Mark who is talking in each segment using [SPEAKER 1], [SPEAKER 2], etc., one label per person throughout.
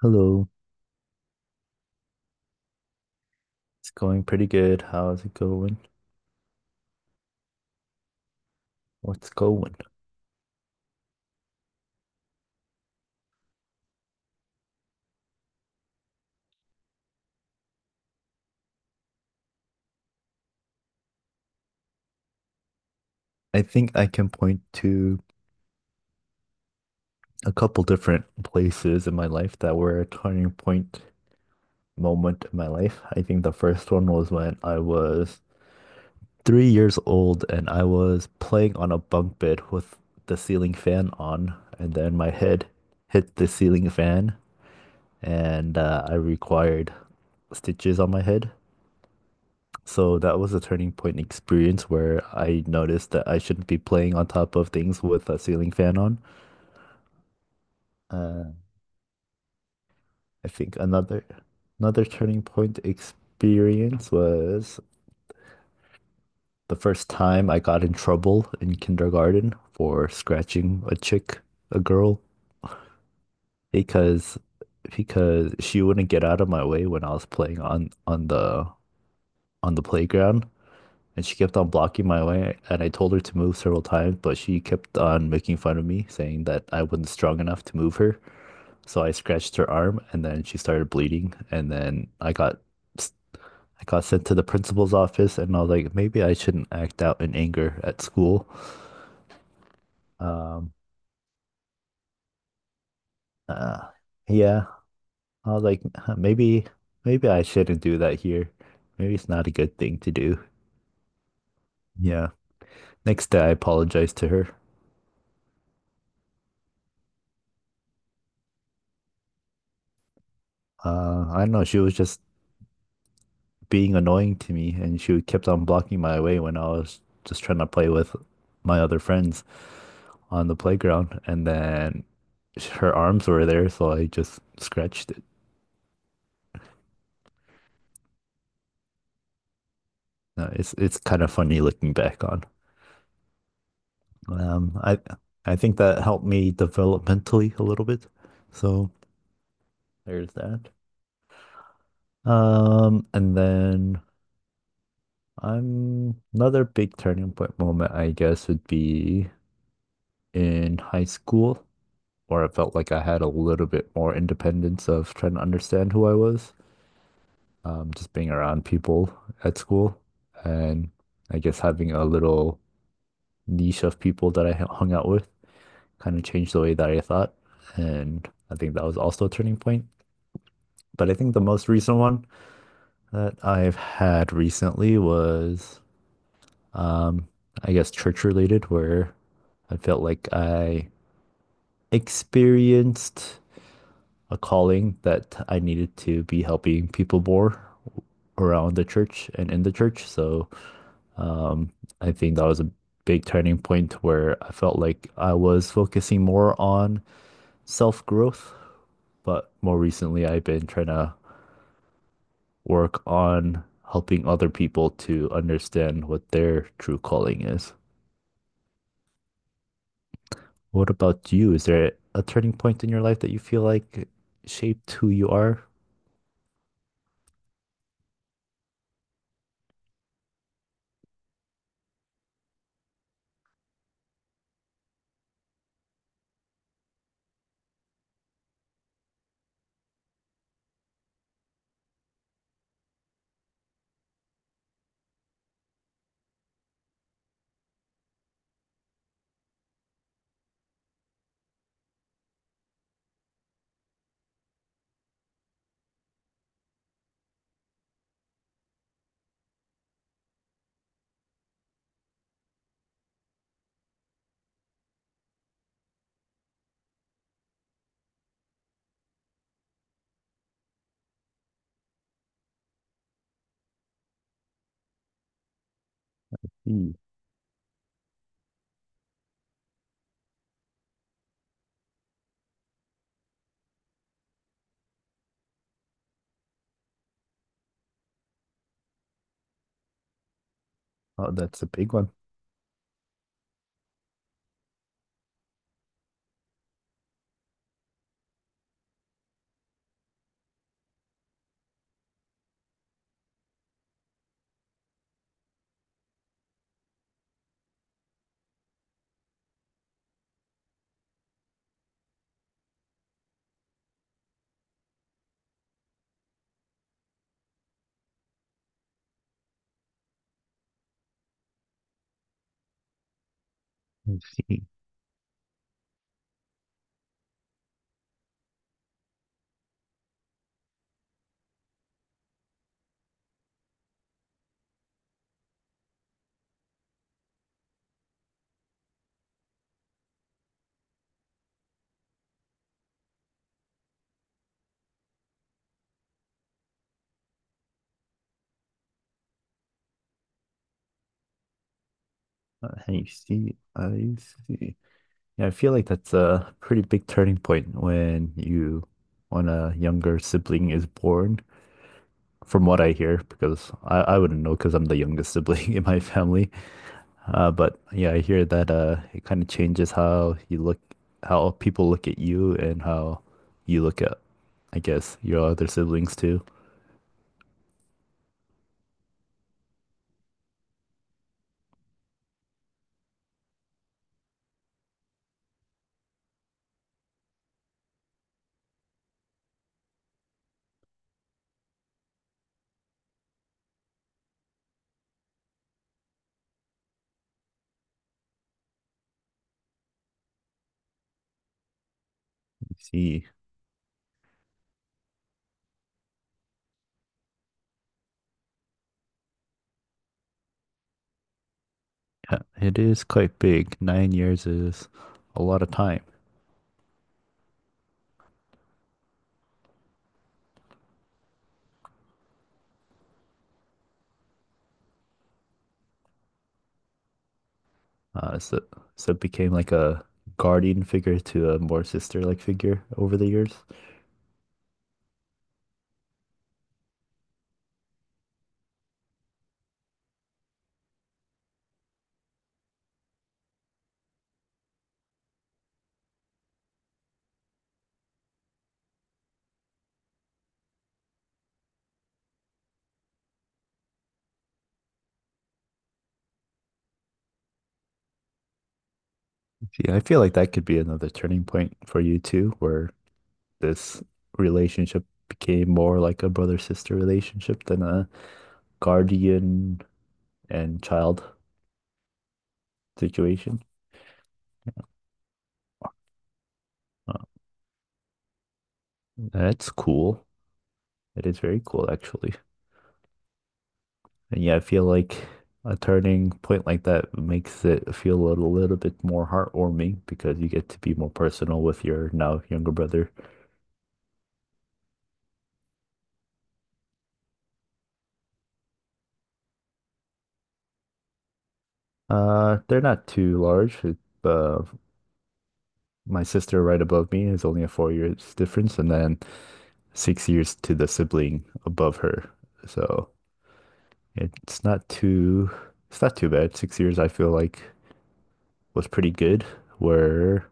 [SPEAKER 1] Hello, it's going pretty good. How's it going? What's going? I think I can point to a couple different places in my life that were a turning point moment in my life. I think the first one was when I was 3 years old and I was playing on a bunk bed with the ceiling fan on, and then my head hit the ceiling fan and I required stitches on my head. So that was a turning point experience where I noticed that I shouldn't be playing on top of things with a ceiling fan on. Uh, I think another turning point experience was the first time I got in trouble in kindergarten for scratching a chick, a girl, because because she wouldn't get out of my way when I was playing on the playground. And she kept on blocking my way, and I told her to move several times, but she kept on making fun of me, saying that I wasn't strong enough to move her. So I scratched her arm, and then she started bleeding, and then I got sent to the principal's office, and I was like, maybe I shouldn't act out in anger at school. Um, uh, yeah, I was like, "Huh, maybe I shouldn't do that here. Maybe it's not a good thing to do." Yeah. Next day, I apologized to her. I don't know. She was just being annoying to me, and she kept on blocking my way when I was just trying to play with my other friends on the playground. And then her arms were there, so I just scratched it. It's kind of funny looking back on. Um, I I think that helped me developmentally a little bit. So there's that. And then I'm another big turning point moment, I guess, would be in high school. Or it felt like I had a little bit more independence of trying to understand who I was, just being around people at school, and I guess having a little niche of people that I hung out with kind of changed the way that I thought, and I think that was also a turning point. But I think the most recent one that I've had recently was, um, I guess, church related, where I felt like I experienced a calling that I needed to be helping people more around the church and in the church. So um, I think that was a big turning point where I felt like I was focusing more on self growth. But more recently, I've been trying to work on helping other people to understand what their true calling is. What about you? Is there a turning point in your life that you feel like shaped who you are? Hmm. Oh, that's a big one. I see. I see. Yeah, I feel like that's a pretty big turning point when a younger sibling is born, from what I hear, because I wouldn't know because I'm the youngest sibling in my family. But yeah, I hear that it kind of changes how you look, how people look at you and how you look at, I guess, your other siblings too. See, yeah, it is quite big. 9 years is a lot of time. Uh, so so it became like a guardian figure to a more sister-like figure over the years. Yeah, I feel like that could be another turning point for you too, where this relationship became more like a brother-sister relationship than a guardian and child situation. Uh, that's cool. It is very cool actually. And yeah, I feel like a turning point like that makes it feel a little bit more heartwarming because you get to be more personal with your now younger brother. They're not too large. Uh, my sister right above me is only a 4 years difference, and then 6 years to the sibling above her. So it's not too, it's not too bad. 6 years I feel like was pretty good. Where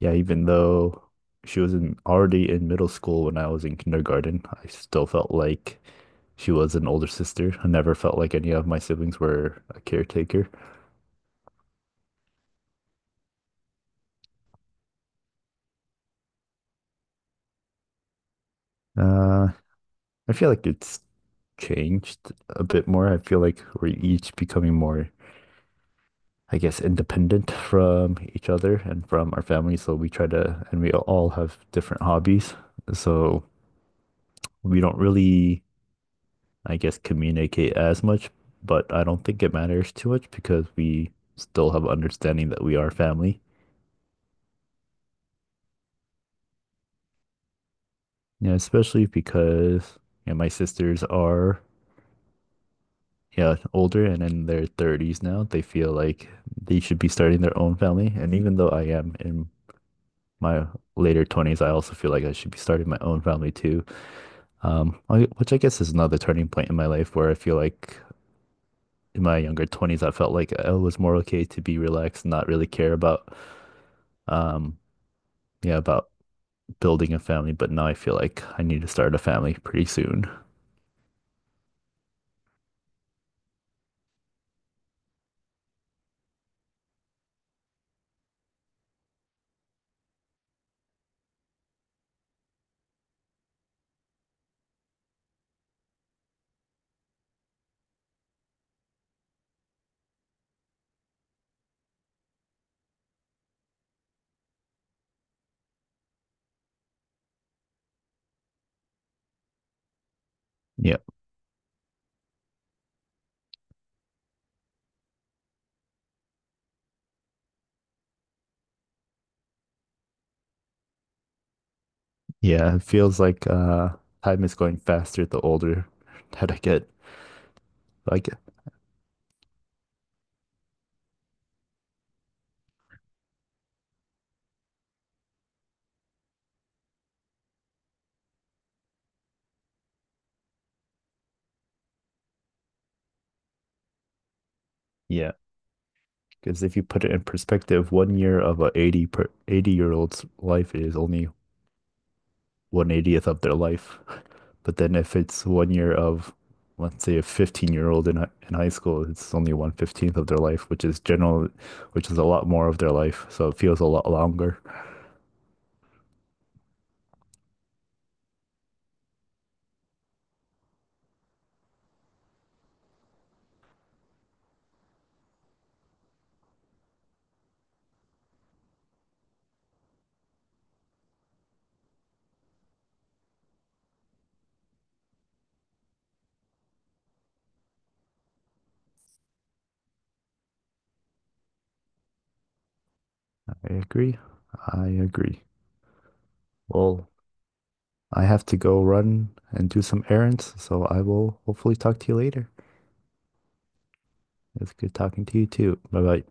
[SPEAKER 1] yeah, even though already in middle school when I was in kindergarten, I still felt like she was an older sister. I never felt like any of my siblings were a caretaker. Uh, I feel like it's changed a bit more. I feel like we're each becoming more, I guess, independent from each other and from our family. And we all have different hobbies. So we don't really, I guess, communicate as much, but I don't think it matters too much because we still have understanding that we are family. Yeah, especially because, my sisters are, yeah, older and in their 30s now, they feel like they should be starting their own family. And even though I am in my later 20s, I also feel like I should be starting my own family too. Which I guess is another turning point in my life where I feel like in my younger 20s, I felt like I was more okay to be relaxed and not really care um, yeah, about building a family. But now I feel like I need to start a family pretty soon. Yeah. Yeah, it feels like time is going faster the older that I get. Like, yeah, because if you put it in perspective, one year of a 80 per 80-year old's life is only 1/80th of their life. But then if it's one year of let's say a 15-year-old in high school, it's only 1/15th of their life, which is a lot more of their life. So it feels a lot longer. I agree. I agree. Well, I have to go run and do some errands, so I will hopefully talk to you later. It's good talking to you too. Bye bye.